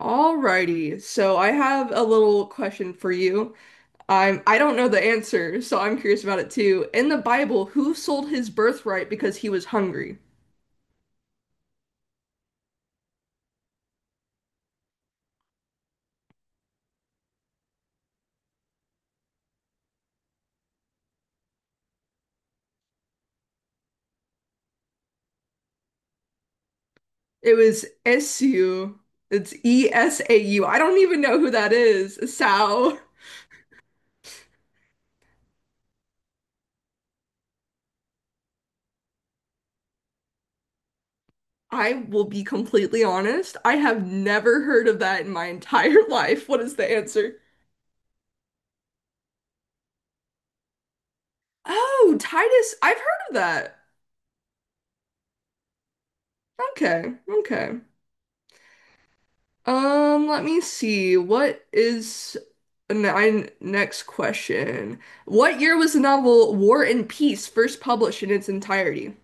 Alrighty, so I have a little question for you. I don't know the answer, so I'm curious about it too. In the Bible, who sold his birthright because he was hungry? It was Esau. It's Esau. I don't even know who that is. Esau. I will be completely honest. I have never heard of that in my entire life. What is the answer? Oh, Titus. I've heard of that. Okay. Okay. Let me see. What is nine next question? What year was the novel War and Peace first published in its entirety?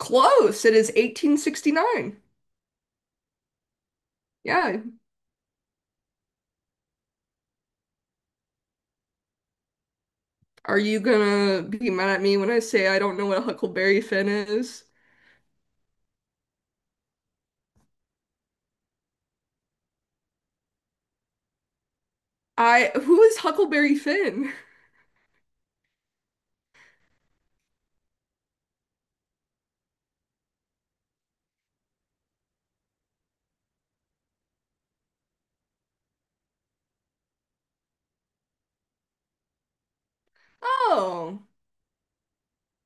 Close. It is 1869. Yeah. Are you gonna be mad at me when I say I don't know what a Huckleberry Finn is? I who is Huckleberry Finn? Oh.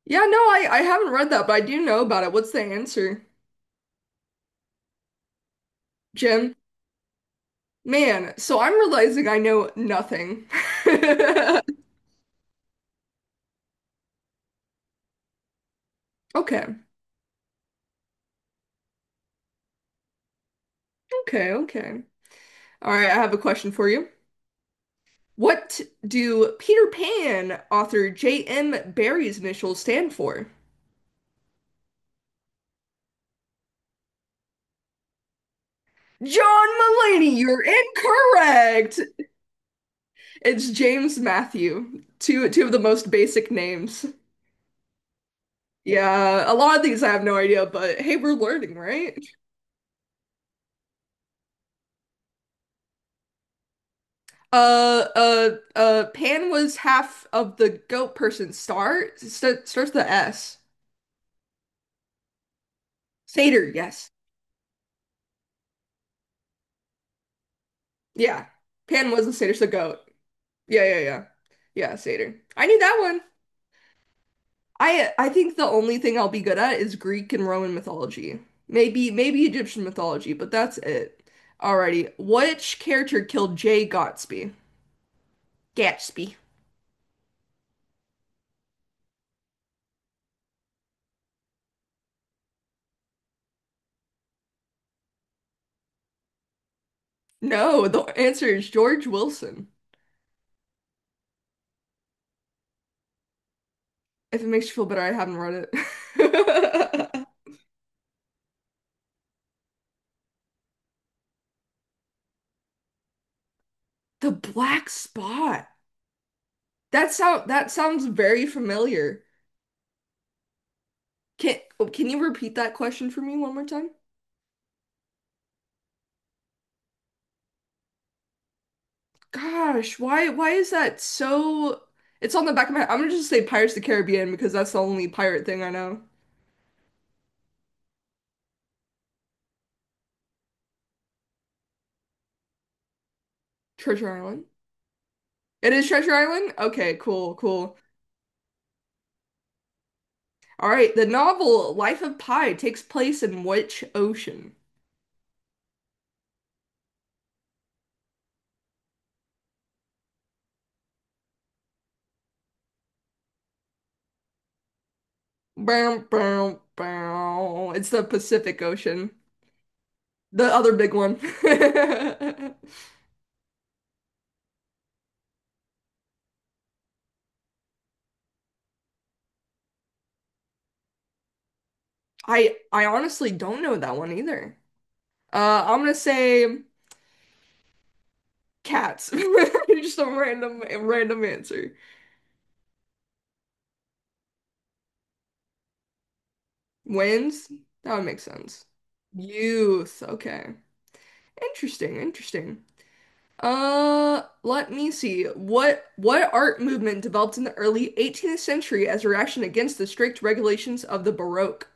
Yeah, no, I haven't read that, but I do know about it. What's the answer, Jim? Man, so I'm realizing I know nothing. Okay, okay, okay. All right, I have a question for you. What do Peter Pan author J.M. Barrie's initials stand for? John Mulaney, you're incorrect. It's James Matthew. Two of the most basic names. Yeah, a lot of these I have no idea, but hey, we're learning, right? Uh, uh, Pan was half of the goat person. Starts with the S. Satyr, yes. Yeah. Pan was the satyr, it's a goat. Yeah, yeah, yeah. Yeah, satyr. I need that one. I think the only thing I'll be good at is Greek and Roman mythology. Maybe Egyptian mythology, but that's it. Alrighty. Which character killed Jay Gatsby? Gatsby. No, the answer is George Wilson. If it makes you feel better, I haven't read it. The Black Spot. That sounds very familiar. Can oh, can you repeat that question for me one more time? Gosh, why is that so? It's on the back of my. I'm gonna just say Pirates of the Caribbean because that's the only pirate thing I know. Treasure Island. It is Treasure Island? Okay, cool, cool. All right, the novel Life of Pi takes place in which ocean? Bow, bow, bow. It's the Pacific Ocean. The other big one. I honestly don't know that one either. I'm gonna say cats. Just a random answer. Wins? That would make sense. Youth. Okay. Interesting, interesting. Let me see. What art movement developed in the early 18th century as a reaction against the strict regulations of the Baroque?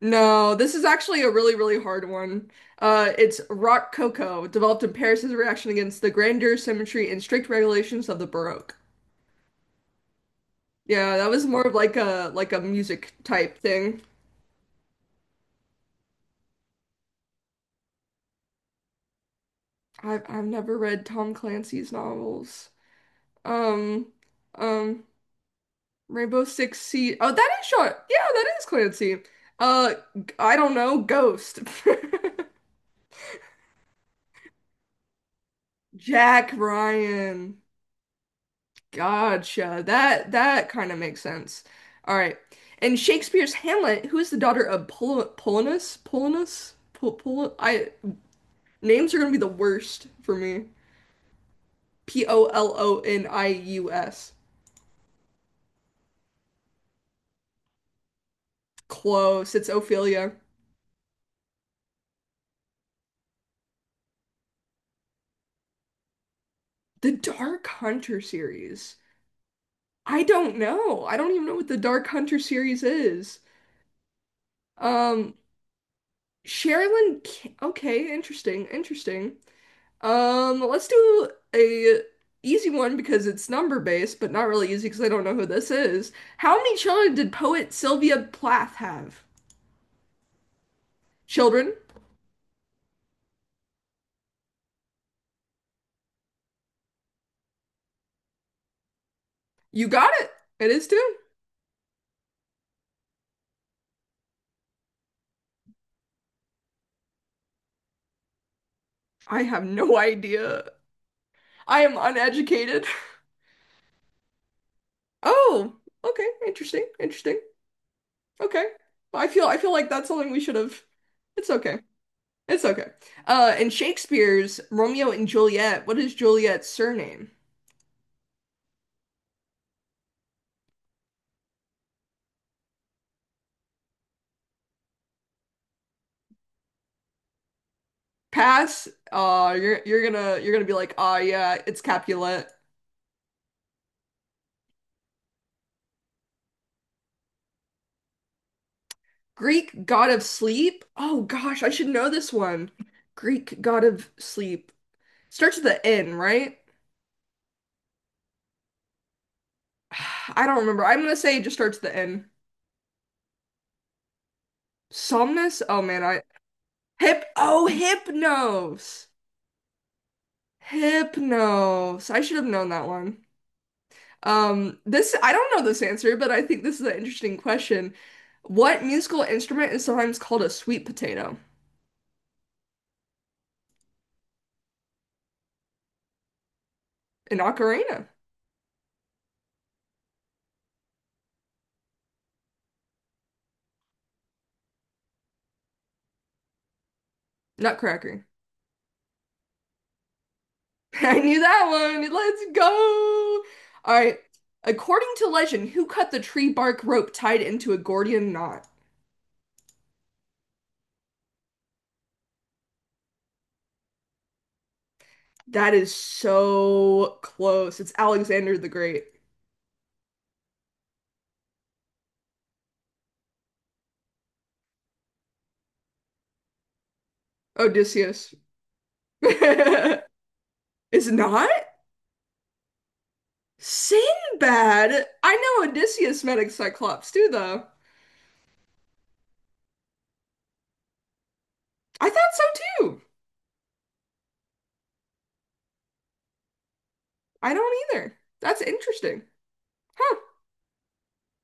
No, this is actually a really, really hard one. It's Rococo, developed in Paris as a reaction against the grandeur, symmetry, and strict regulations of the Baroque. Yeah, that was more of like a music type thing. I've never read Tom Clancy's novels. Um, um, Rainbow Six Siege. Oh, that is short. Yeah, that is Clancy. Uh, I don't know. Ghost. Jack Ryan. Gotcha. That kind of makes sense. All right. And Shakespeare's Hamlet, who is the daughter of Polonus? Polonus? Pol Pol I names are gonna be the worst for me. Polonius. Close. It's Ophelia. The Dark Hunter series. I don't know. I don't even know what the Dark Hunter series is. Um, Sherilyn. K- Okay, interesting, interesting. Let's do a easy one because it's number based, but not really easy because I don't know who this is. How many children did poet Sylvia Plath have? Children? You got it. It is 2. I have no idea. I am uneducated. Oh, okay, interesting, interesting. Okay. I feel like that's something we should have. It's okay. It's okay. In Shakespeare's Romeo and Juliet, what is Juliet's surname? Pass. You're gonna be like, ah, yeah, it's Capulet. Greek god of sleep. Oh gosh, I should know this one. Greek god of sleep starts with the N, right? I don't remember. I'm gonna say it just starts with the N. Somnus. Oh man, I hip. Oh, Hypnos. Hypnos. I should have known that one. This I don't know this answer, but I think this is an interesting question. What musical instrument is sometimes called a sweet potato? An ocarina, nutcracker. I knew that one. Let's go. All right. According to legend, who cut the tree bark rope tied into a Gordian knot? That is so close. It's Alexander the Great. Odysseus. It's not? Sinbad. I know Odysseus met a Cyclops too, though. I thought so too. I don't either. That's interesting. Huh.